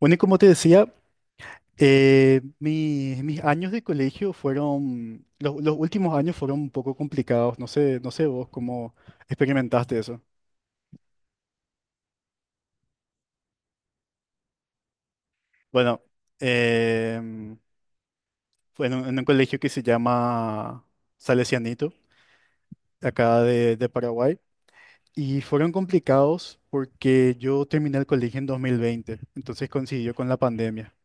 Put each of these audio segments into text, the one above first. Bueno, y como te decía, mis años de colegio fueron, los últimos años fueron un poco complicados. No sé, no sé vos cómo experimentaste eso. Bueno, em, fue en un colegio que se llama Salesianito, acá de Paraguay, y fueron complicados porque yo terminé el colegio en 2020, entonces coincidió con la pandemia.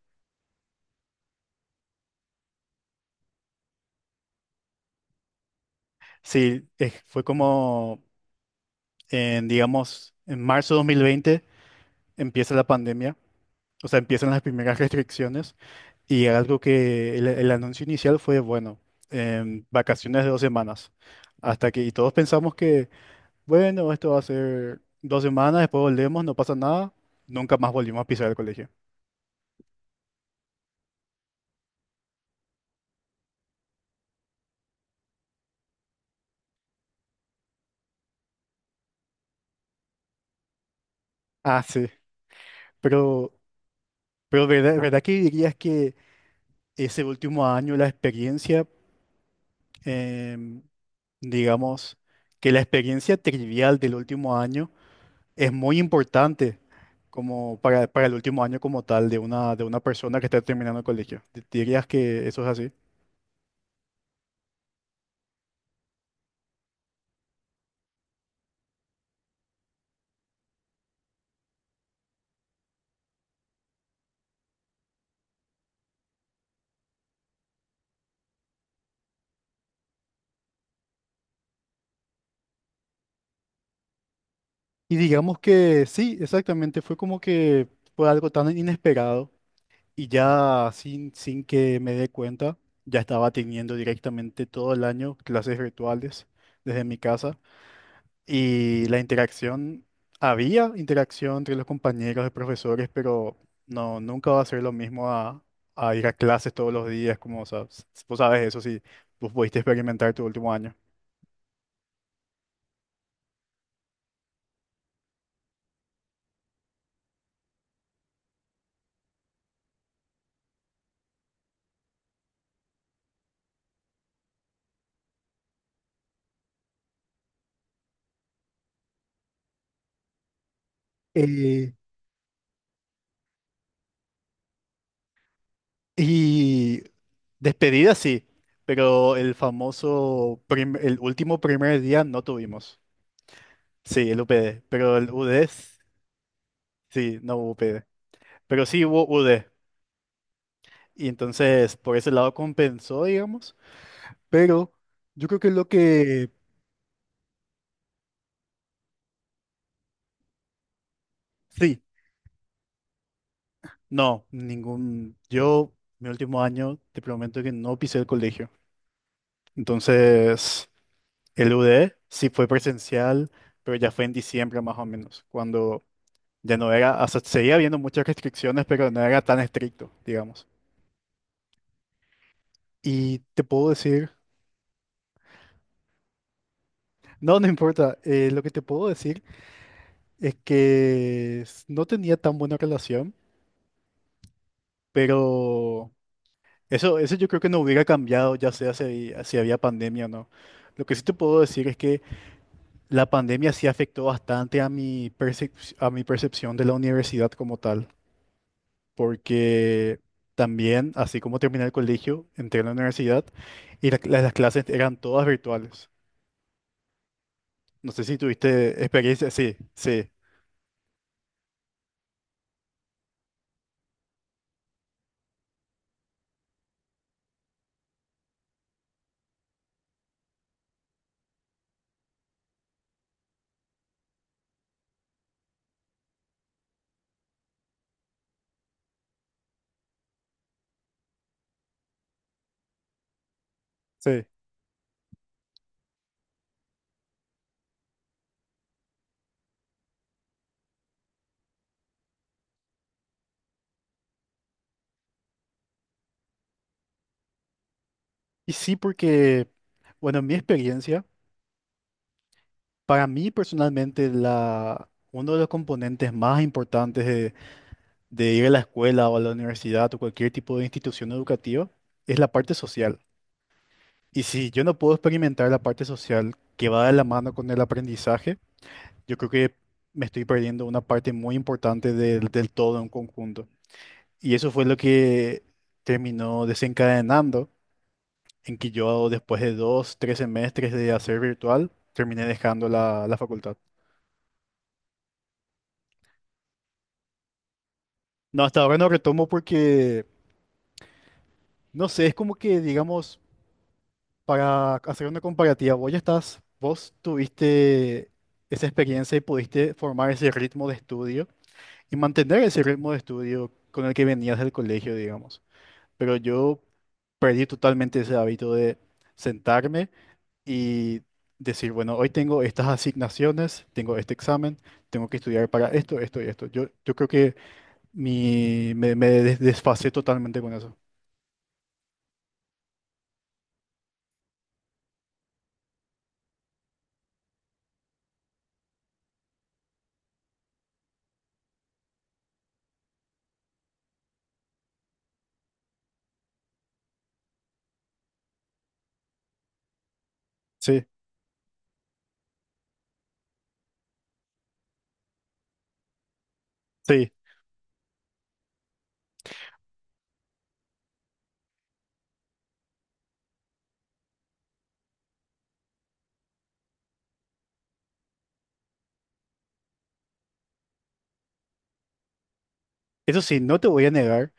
Sí, fue como en, digamos, en marzo de 2020 empieza la pandemia. O sea, empiezan las primeras restricciones, y algo que el anuncio inicial fue, bueno, vacaciones de 2 semanas. Hasta que, y todos pensamos que, bueno, esto va a ser 2 semanas, después volvemos, no pasa nada, nunca más volvimos a pisar el colegio. Ah, sí, pero, pero ¿verdad, verdad que dirías que ese último año, la experiencia, em, digamos, que la experiencia trivial del último año es muy importante como para el último año como tal de una persona que está terminando el colegio? ¿Dirías que eso es así? Y digamos que sí, exactamente, fue como que fue algo tan inesperado y ya sin, sin que me dé cuenta, ya estaba teniendo directamente todo el año clases virtuales desde mi casa. Y la interacción, había interacción entre los compañeros de profesores, pero no, nunca va a ser lo mismo a ir a clases todos los días, como, o sea, vos sabes eso, si vos pudiste experimentar tu último año. Eh, y despedida sí, pero el famoso, el último primer día no tuvimos. Sí, el UPD, pero el UD, sí, no hubo UPD, pero sí hubo UD. Y entonces, por ese lado compensó, digamos. Pero yo creo que lo que sí, no, ningún. Yo, mi último año, te prometo que no pisé el colegio. Entonces, el UD sí fue presencial, pero ya fue en diciembre más o menos, cuando ya no era, o sea, seguía habiendo muchas restricciones, pero no era tan estricto, digamos. Y te puedo decir, no, no importa, lo que te puedo decir es que no tenía tan buena relación, pero. Eso yo creo que no hubiera cambiado, ya sea si había, si había pandemia o no. Lo que sí te puedo decir es que la pandemia sí afectó bastante a a mi percepción de la universidad como tal, porque también, así como terminé el colegio, entré a la universidad y las clases eran todas virtuales. No sé si tuviste experiencia, sí, sí. Sí. Y sí, porque, bueno, en mi experiencia, para mí personalmente, la, uno de los componentes más importantes de ir a la escuela o a la universidad o cualquier tipo de institución educativa es la parte social. Y si yo no puedo experimentar la parte social que va de la mano con el aprendizaje, yo creo que me estoy perdiendo una parte muy importante del, del todo en conjunto. Y eso fue lo que terminó desencadenando en que yo después de dos, tres semestres de hacer virtual, terminé dejando la facultad. No, hasta ahora no retomo porque no sé, es como que, digamos, para hacer una comparativa, vos ya estás, vos tuviste esa experiencia y pudiste formar ese ritmo de estudio y mantener ese ritmo de estudio con el que venías del colegio, digamos. Pero yo perdí totalmente ese hábito de sentarme y decir, bueno, hoy tengo estas asignaciones, tengo este examen, tengo que estudiar para esto, esto y esto. Yo creo que mi, desfasé totalmente con eso. Sí, sí. Eso sí, no te voy a negar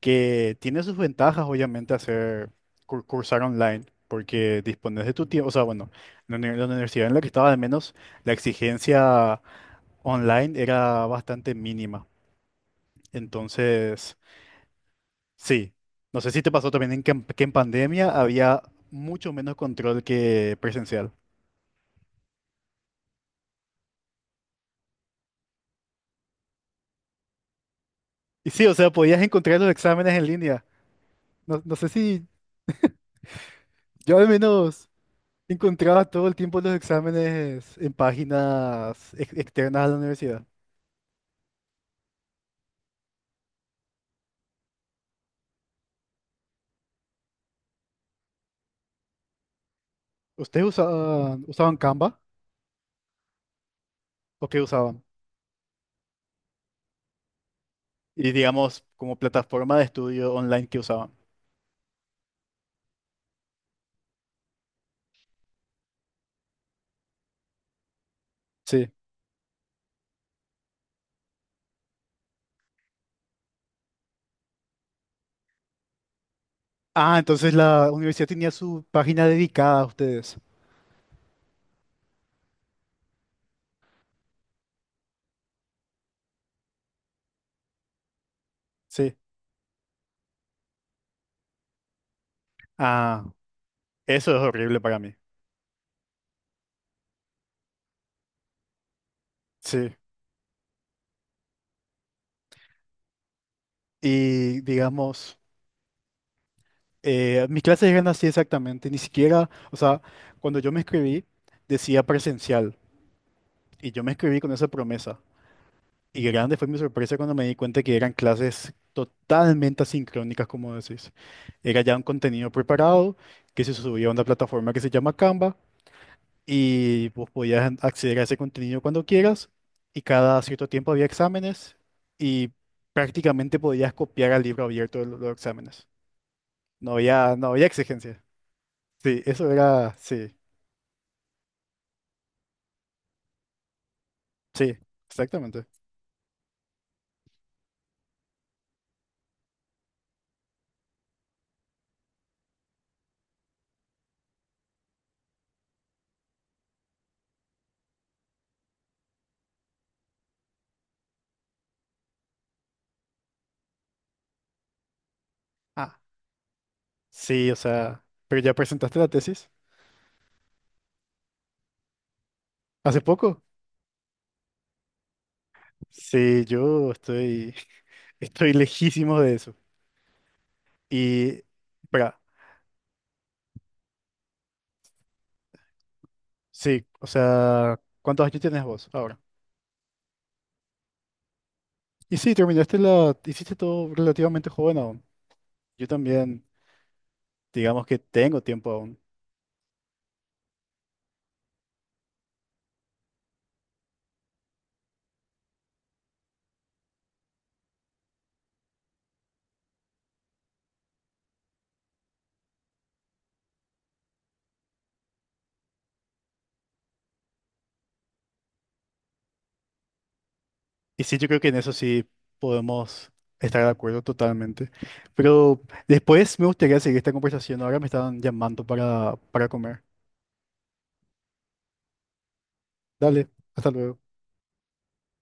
que tiene sus ventajas, obviamente, hacer cursar online, porque dispones de tu tiempo. O sea, bueno, la universidad en la que estaba, al menos, la exigencia online era bastante mínima. Entonces, sí. No sé si te pasó también en que, en que en pandemia había mucho menos control que presencial. Y sí, o sea, podías encontrar los exámenes en línea. No, no sé si yo al menos encontraba todo el tiempo los exámenes en externas a la universidad. ¿Ustedes usaban, usaban Canva o qué usaban? Y digamos, como plataforma de estudio online que usaban. Sí. Ah, entonces la universidad tenía su página dedicada a ustedes. Sí. Ah, eso es horrible para mí. Sí. Y digamos, mis clases eran así exactamente. Ni siquiera, o sea, cuando yo me escribí, decía presencial. Y yo me escribí con esa promesa. Y grande fue mi sorpresa cuando me di cuenta que eran clases totalmente asincrónicas, como decís. Era ya un contenido preparado que se subía a una plataforma que se llama Canva y vos podías acceder a ese contenido cuando quieras, y cada cierto tiempo había exámenes y prácticamente podías copiar al libro abierto de los exámenes. No había, no había exigencia. Sí, eso era, sí, sí, exactamente. Ah, sí, o sea, pero ya presentaste la tesis hace poco. Sí, yo estoy... Estoy lejísimo de eso. Y, espera, sí, o sea, ¿cuántos años tienes vos ahora? Y sí, terminaste la, hiciste todo relativamente joven aún. Yo también, digamos que tengo tiempo aún. Y sí, yo creo que en eso sí podemos estar de acuerdo totalmente. Pero después me gustaría seguir esta conversación. Ahora me están llamando para comer. Dale, hasta luego.